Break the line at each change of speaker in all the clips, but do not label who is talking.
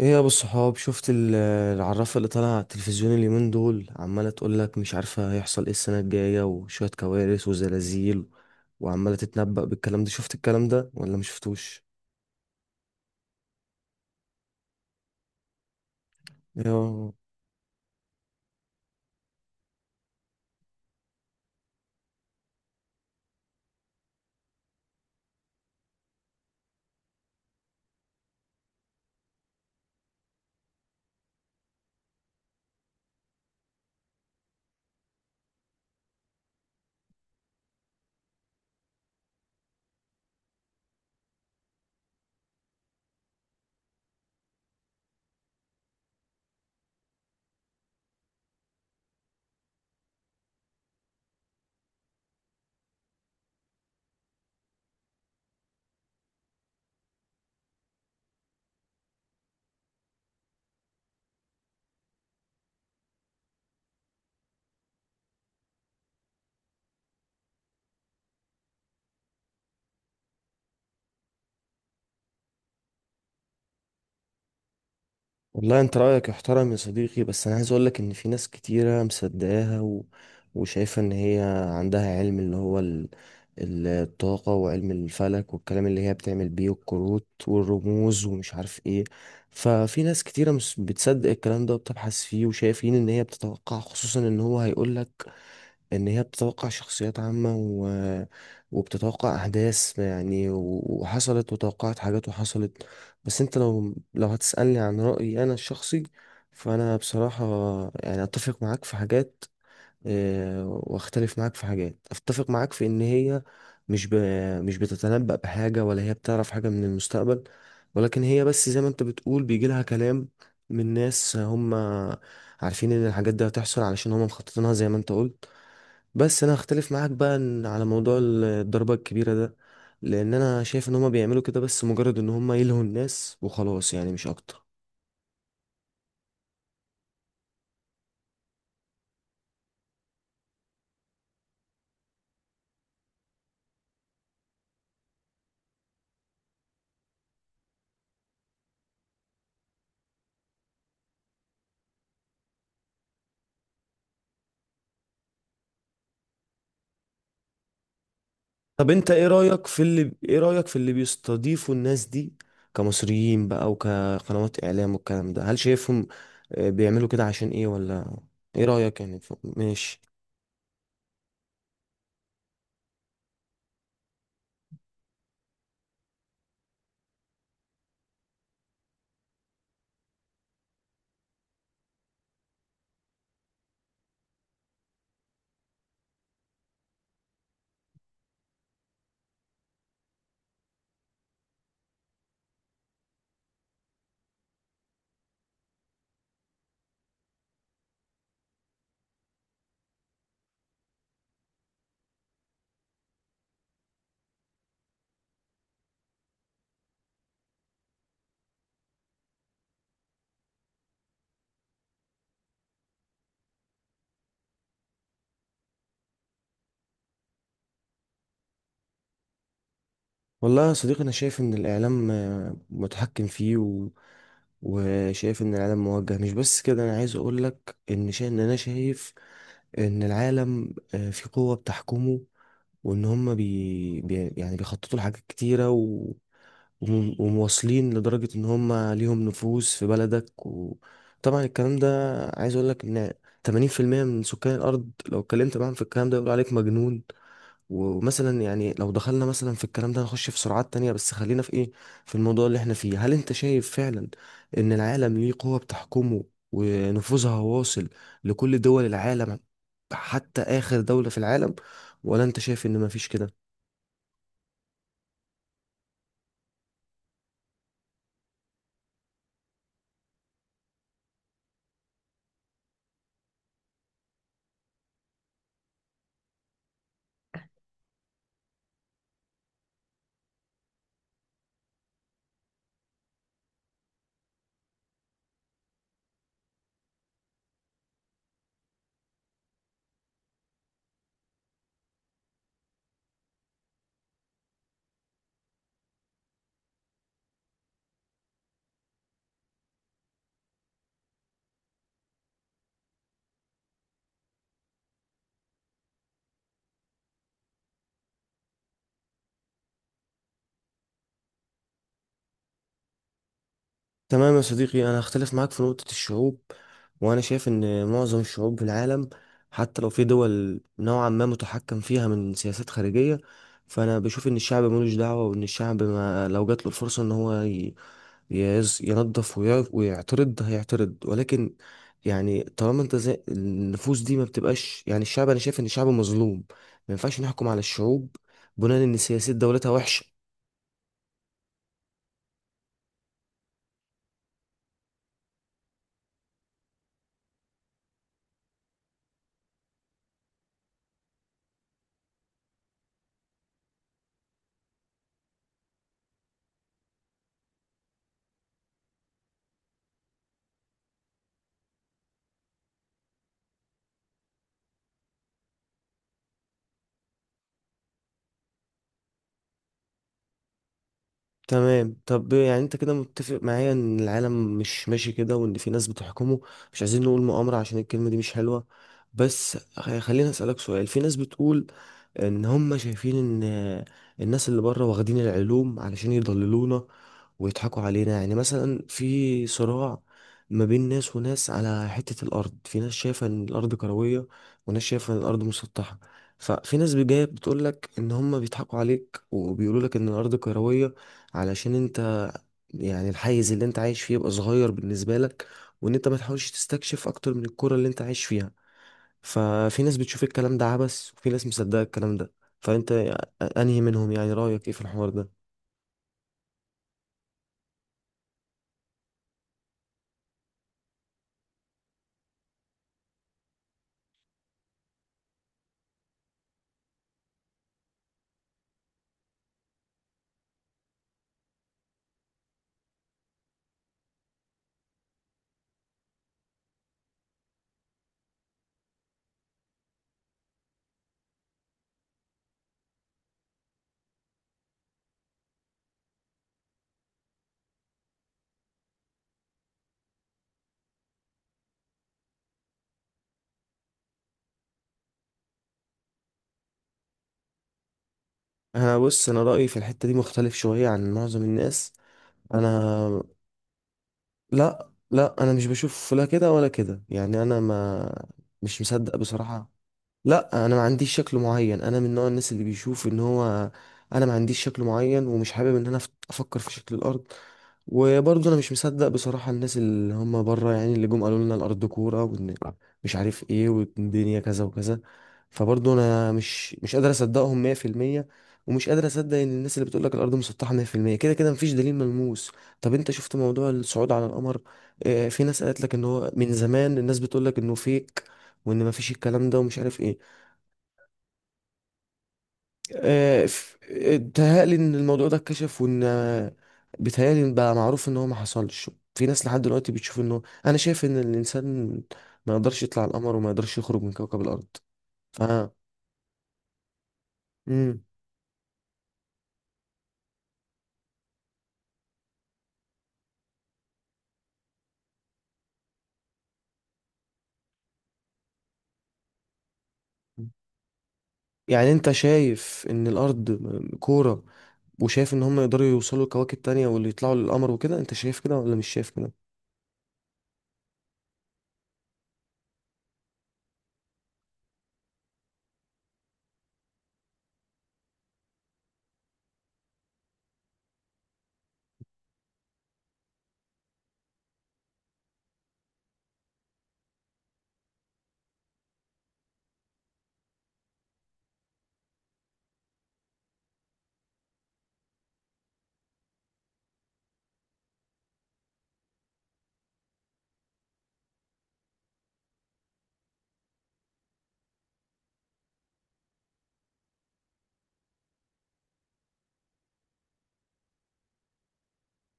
ايه يا ابو الصحاب، شفت العرافه اللي طالعه على التلفزيون اليومين دول؟ عماله تقول لك مش عارفه هيحصل ايه السنه الجايه، وشويه كوارث وزلازل، وعماله تتنبأ بالكلام ده. شفت الكلام ده ولا مش شفتوش؟ والله انت رأيك يحترم يا صديقي، بس انا عايز اقولك ان في ناس كتيرة مصدقاها، وشايفة ان هي عندها علم، اللي هو الطاقة وعلم الفلك، والكلام اللي هي بتعمل بيه الكروت والرموز ومش عارف ايه. ففي ناس كتيرة مش بتصدق الكلام ده وبتبحث فيه، وشايفين ان هي بتتوقع، خصوصا ان هو هيقولك ان هي بتتوقع شخصيات عامة، وبتتوقع احداث يعني، وحصلت، وتوقعت حاجات وحصلت. بس انت لو هتسألني عن رأيي انا الشخصي، فانا بصراحة يعني اتفق معاك في حاجات، واختلف معاك في حاجات. اتفق معاك في ان هي مش ب... مش بتتنبأ بحاجة، ولا هي بتعرف حاجة من المستقبل، ولكن هي بس زي ما انت بتقول بيجي لها كلام من ناس هم عارفين ان الحاجات دي هتحصل علشان هم مخططينها زي ما انت قلت. بس انا هختلف معاك بقى على موضوع الضربة الكبيرة ده، لان انا شايف ان هم بيعملوا كده بس مجرد ان هم يلهوا الناس وخلاص، يعني مش اكتر. طب انت ايه رأيك في اللي بيستضيفوا الناس دي كمصريين بقى، وكقنوات اعلام والكلام ده؟ هل شايفهم بيعملوا كده عشان ايه، ولا ايه رأيك يعني؟ ماشي. والله يا صديقي، انا شايف ان الاعلام متحكم فيه، وشايف ان العالم موجه. مش بس كده، انا عايز اقولك ان انا شايف ان العالم في قوة بتحكمه، وان هم يعني بيخططوا لحاجات كتيره، ومواصلين لدرجه ان هم ليهم نفوذ في بلدك. وطبعا الكلام ده، عايز اقول لك ان 80% من سكان الارض لو اتكلمت معاهم في الكلام ده يقولوا عليك مجنون. ومثلا يعني لو دخلنا مثلا في الكلام ده نخش في سرعات تانية، بس خلينا في ايه، في الموضوع اللي احنا فيه. هل انت شايف فعلا ان العالم ليه قوة بتحكمه، ونفوذها واصل لكل دول العالم، حتى آخر دولة في العالم؟ ولا انت شايف ان مفيش كده؟ تمام يا صديقي، انا هختلف معاك في نقطة الشعوب. وانا شايف ان معظم الشعوب في العالم، حتى لو في دول نوعا ما متحكم فيها من سياسات خارجية، فانا بشوف ان الشعب ملوش دعوة، وان الشعب ما لو جات له الفرصة ان هو ينظف ويعرف ويعترض، هيعترض. ولكن يعني طالما انت زي النفوس دي ما بتبقاش، يعني الشعب، انا شايف ان الشعب مظلوم. ما ينفعش نحكم على الشعوب بناء ان سياسات دولتها وحشة. تمام. طب يعني انت كده متفق معايا ان العالم مش ماشي كده، وان في ناس بتحكمه. مش عايزين نقول مؤامرة عشان الكلمة دي مش حلوة، بس خليني اسألك سؤال. في ناس بتقول ان هم شايفين ان الناس اللي بره واخدين العلوم علشان يضللونا ويضحكوا علينا. يعني مثلا في صراع ما بين ناس وناس على حتة الأرض، في ناس شايفة إن الأرض كروية، وناس شايفة إن الأرض مسطحة. ففي ناس جاية بتقولك إن هما بيضحكوا عليك وبيقولولك إن الأرض كروية علشان أنت، يعني الحيز اللي أنت عايش فيه يبقى صغير بالنسبة لك، وإن أنت ما تحاولش تستكشف أكتر من الكرة اللي أنت عايش فيها. ففي ناس بتشوف الكلام ده عبث، وفي ناس مصدقة الكلام ده. فأنت أنهي منهم يعني؟ رأيك إيه في الحوار ده؟ انا بص، انا رايي في الحته دي مختلف شويه عن معظم الناس. انا لا، لا، انا مش بشوف لا كده ولا كده. يعني انا ما مش مصدق بصراحه. لا، انا ما عنديش شكل معين. انا من نوع الناس اللي بيشوف ان هو انا ما عنديش شكل معين، ومش حابب ان انا افكر في شكل الارض. وبرضه انا مش مصدق بصراحة الناس اللي هم بره، يعني اللي جم قالوا لنا الارض كورة، وان مش عارف ايه، والدنيا كذا وكذا. فبرضه انا مش قادر اصدقهم 100%، ومش قادر اصدق ان الناس اللي بتقول لك الارض مسطحة 100%. كده كده مفيش دليل ملموس. طب انت شفت موضوع الصعود على القمر؟ في ناس قالت لك ان هو من زمان الناس بتقول لك انه فيك، وان مفيش الكلام ده، ومش عارف ايه. بيتهيألي ان الموضوع ده اتكشف، وان بيتهيألي إن بقى معروف ان هو ما حصلش. في ناس لحد دلوقتي بتشوف انه، انا شايف ان الانسان ما يقدرش يطلع على القمر، وما يقدرش يخرج من كوكب الارض. ف مم. يعني انت شايف ان الارض كورة، وشايف ان هم يقدروا يوصلوا لكواكب تانية، واللي يطلعوا للقمر وكده؟ انت شايف كده ولا مش شايف كده؟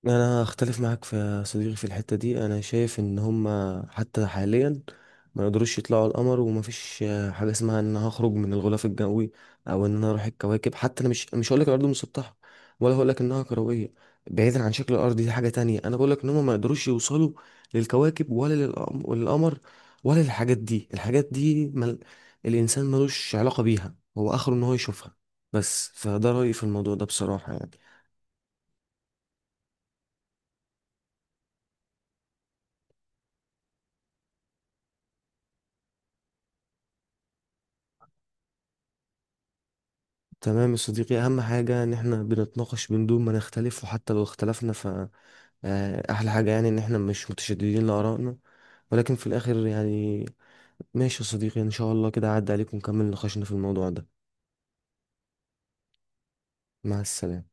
انا اختلف معاك يا صديقي في الحتة دي. انا شايف ان هما حتى حاليا ما يقدروش يطلعوا القمر، ومفيش حاجة اسمها ان أنا هخرج من الغلاف الجوي، او ان انا اروح الكواكب. حتى انا مش هقول لك الارض مسطحة، ولا هقول لك انها كروية. بعيدا عن شكل الارض، دي حاجة تانية. انا بقول لك ان هما ما يقدروش يوصلوا للكواكب، ولا للقمر، ولا للحاجات دي. الحاجات دي الانسان ملوش علاقة بيها. هو اخره ان هو يشوفها بس. فده رأيي في الموضوع ده بصراحة يعني. تمام يا صديقي، اهم حاجة ان احنا بنتناقش من دون ما نختلف، وحتى لو اختلفنا، ف احلى حاجة يعني ان احنا مش متشددين لآرائنا. ولكن في الاخر يعني، ماشي يا صديقي. ان شاء الله كده عدى عليكم، ونكمل نقاشنا في الموضوع ده. مع السلامة.